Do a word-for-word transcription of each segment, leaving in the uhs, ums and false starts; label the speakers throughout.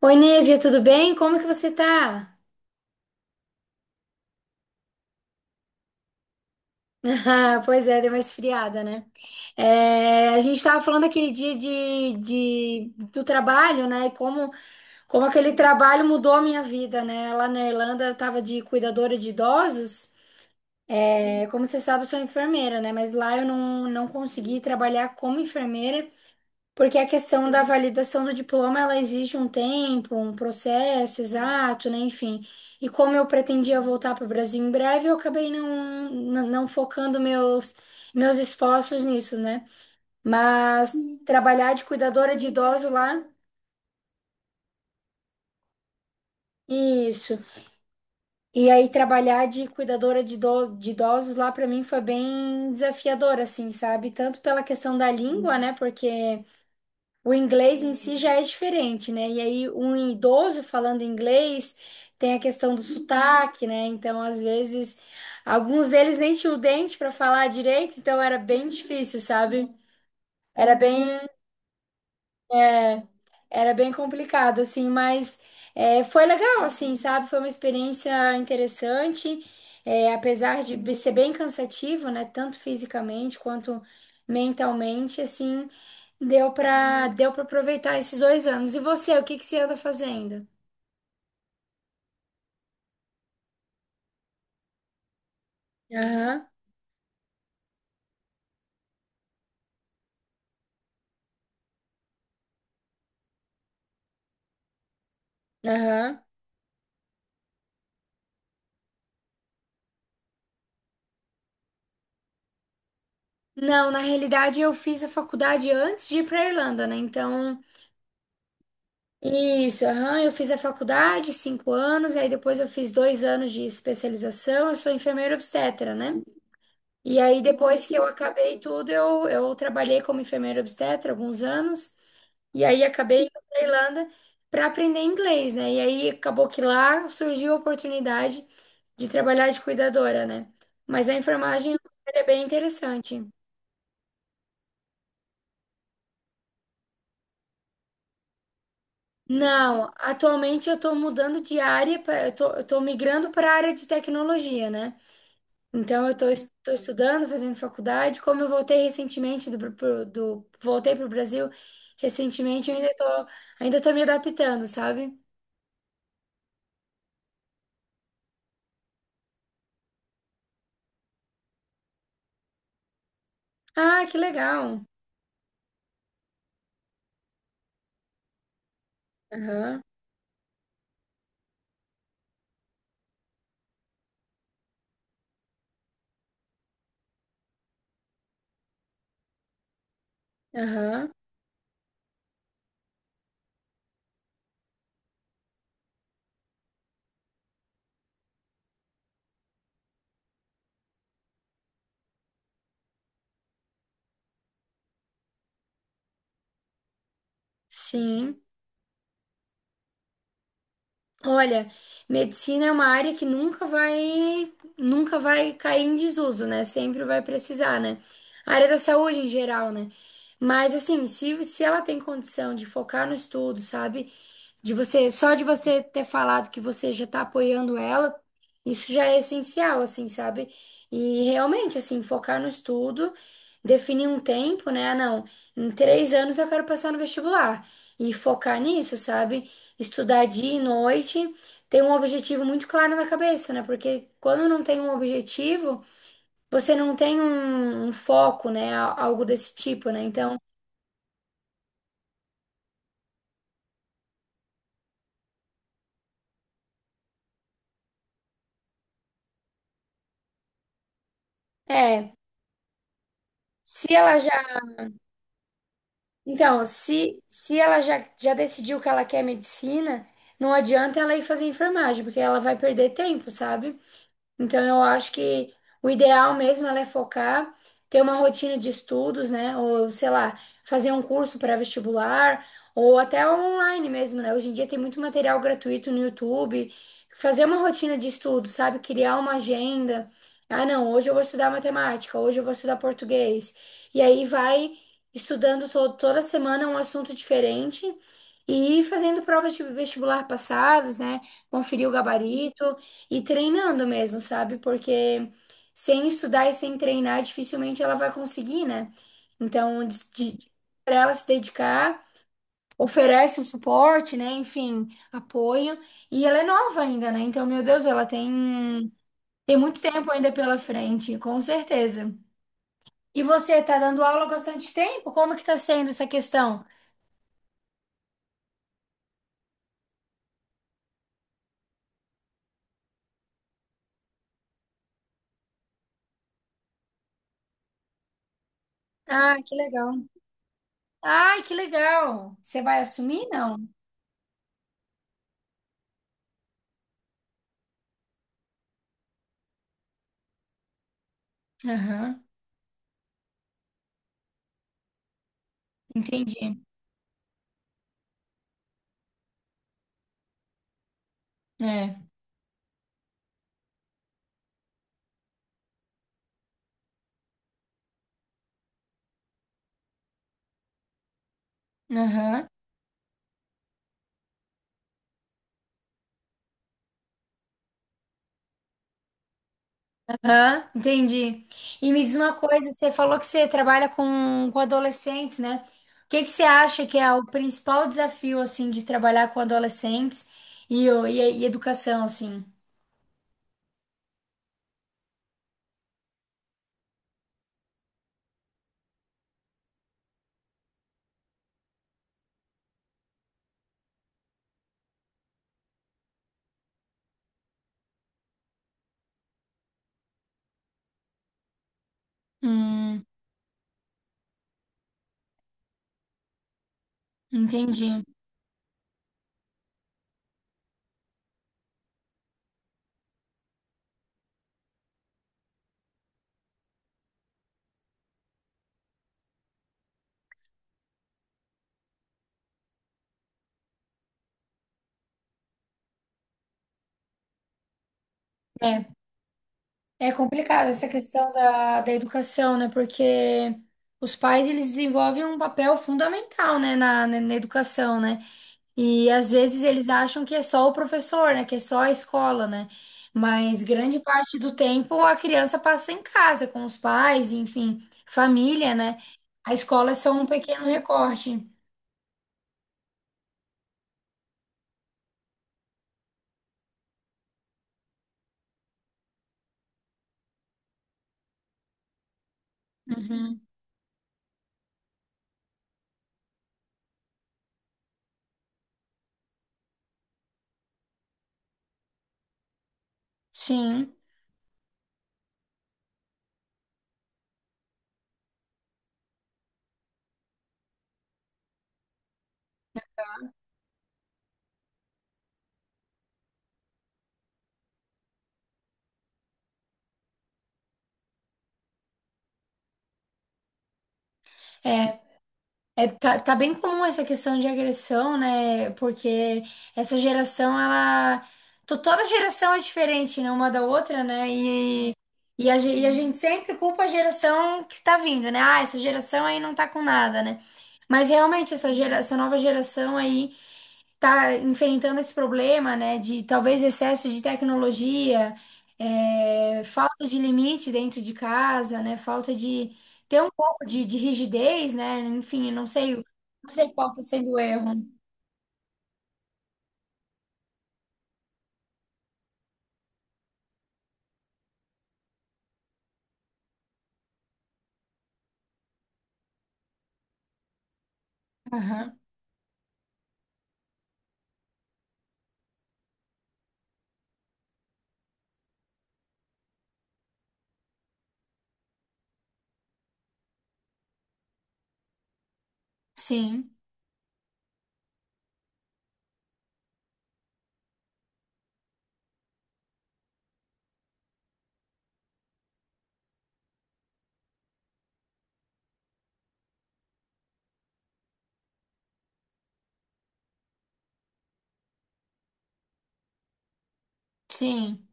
Speaker 1: Oi, Nívia, tudo bem? Como que você tá? Pois é, deu uma esfriada, né? É, a gente estava falando aquele dia de, de- do trabalho, né? E como, como aquele trabalho mudou a minha vida, né? Lá na Irlanda eu estava de cuidadora de idosos. É, como você sabe, eu sou enfermeira, né? Mas lá eu não, não consegui trabalhar como enfermeira. Porque a questão da validação do diploma, ela exige um tempo, um processo exato, né? Enfim. E como eu pretendia voltar para o Brasil em breve, eu acabei não, não, não focando meus, meus, esforços nisso, né? Mas, sim, trabalhar de cuidadora de idoso lá, isso. E aí trabalhar de cuidadora de idoso, de idosos lá para mim foi bem desafiador, assim, sabe? Tanto pela questão da língua, né? Porque o inglês em si já é diferente, né? E aí, um idoso falando inglês tem a questão do sotaque, né? Então, às vezes, alguns deles nem tinham o dente para falar direito, então era bem difícil, sabe? Era bem era bem complicado, assim, mas, é, foi legal, assim, sabe? Foi uma experiência interessante, é, apesar de be- ser bem cansativo, né? Tanto fisicamente quanto mentalmente, assim, deu pra, deu pra aproveitar esses dois anos. E você, o que que você anda fazendo? Aham, aham. Não, na realidade eu fiz a faculdade antes de ir pra Irlanda, né? Então. Isso, aham, eu fiz a faculdade, cinco anos, aí depois eu fiz dois anos de especialização, eu sou enfermeira obstetra, né? E aí depois que eu acabei tudo, eu, eu trabalhei como enfermeira obstetra alguns anos, e aí acabei indo para Irlanda para aprender inglês, né? E aí acabou que lá surgiu a oportunidade de trabalhar de cuidadora, né? Mas a enfermagem é bem interessante. Não, atualmente eu estou mudando de área, pra- eu estou migrando para a área de tecnologia, né? Então, eu estou estudando, fazendo faculdade. Como eu voltei recentemente do, pro- do voltei para o Brasil recentemente, eu ainda estou ainda tô me adaptando, sabe? Ah, que legal. Aham, aham, sim. Olha, medicina é uma área que nunca vai nunca vai cair em desuso, né? Sempre vai precisar, né? A área da saúde em geral, né? Mas assim, se, se ela tem condição de focar no estudo, sabe? De você, só de você ter falado que você já tá apoiando ela, isso já é essencial, assim, sabe? E realmente, assim, focar no estudo, definir um tempo, né? Ah, não, em três anos eu quero passar no vestibular. E focar nisso, sabe? Estudar dia e noite, ter um objetivo muito claro na cabeça, né? Porque quando não tem um objetivo, você não tem um, um foco, né? Al- Algo desse tipo, né? Então, é. Se ela já Então, se, se ela já, já decidiu que ela quer medicina, não adianta ela ir fazer enfermagem, porque ela vai perder tempo, sabe? Então, eu acho que o ideal mesmo ela é focar, ter uma rotina de estudos, né? Ou, sei lá, fazer um curso pré-vestibular, ou até online mesmo, né? Hoje em dia tem muito material gratuito no YouTube. Fazer uma rotina de estudos, sabe? Criar uma agenda. Ah, não, hoje eu vou estudar matemática, hoje eu vou estudar português. E aí vai estudando to toda semana um assunto diferente e fazendo provas de vestibular passadas, né? Conferir o gabarito. E treinando mesmo, sabe? Porque sem estudar e sem treinar, dificilmente ela vai conseguir, né? Então, para ela se dedicar, oferece o suporte, né? Enfim, apoio. E ela é nova ainda, né? Então, meu Deus, ela tem, tem muito tempo ainda pela frente, com certeza. E você tá dando aula há bastante tempo? Como que tá sendo essa questão? Ah, que legal. Ai, que legal. Você vai assumir? Não. Aham, entendi. É. Aham. Hã? Entendi. E me diz uma coisa, você falou que você trabalha com, com adolescentes, né? O que que você acha que é o principal desafio, assim, de trabalhar com adolescentes e, o- e, e educação, assim? Hum, entendi. É, é complicado essa questão da, da educação, né? Porque os pais, eles desenvolvem um papel fundamental, né, na, na na educação, né? E às vezes eles acham que é só o professor, né? Que é só a escola, né? Mas grande parte do tempo a criança passa em casa com os pais, enfim, família, né? A escola é só um pequeno recorte. Uhum. Sim. É, É, tá, tá bem comum essa questão de agressão, né? Porque essa geração, ela. To- Toda geração é diferente, né? Uma da outra, né? E, e, a, ge- e a gente sempre culpa a geração que tá vindo, né? Ah, essa geração aí não tá com nada, né? Mas realmente, essa, gera, essa nova geração aí tá enfrentando esse problema, né, de talvez excesso de tecnologia, é, falta de limite dentro de casa, né, falta de ter um pouco de, de rigidez, né, enfim, eu não sei, não sei qual está sendo o erro. Aham. Sim, sim,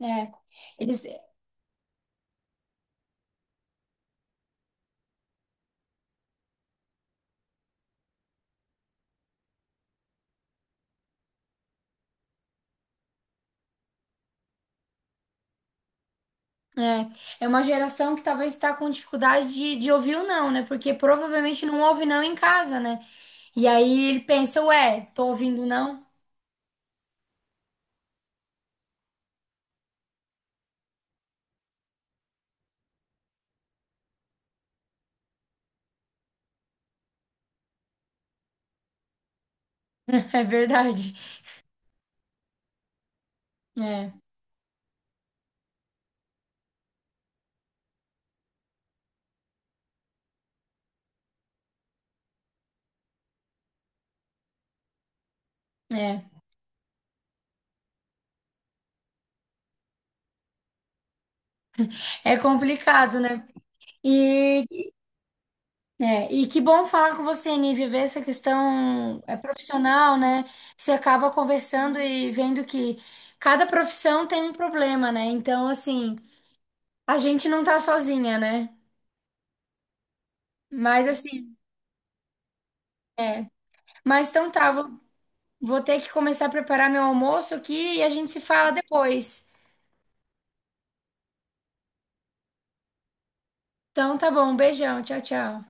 Speaker 1: é. Eles, é, é uma geração que talvez está com dificuldade de, de ouvir o não, né, porque provavelmente não ouve não em casa, né, e aí ele pensa, ué, tô ouvindo não, é verdade, é. É. É complicado, né? E, é, e que bom falar com você, Nívia, ver essa questão é profissional, né? Você acaba conversando e vendo que cada profissão tem um problema, né? Então, assim, a gente não tá sozinha, né? Mas, assim, é. Mas então tá, vou, vou ter que começar a preparar meu almoço aqui e a gente se fala depois. Então tá bom, um beijão, tchau, tchau.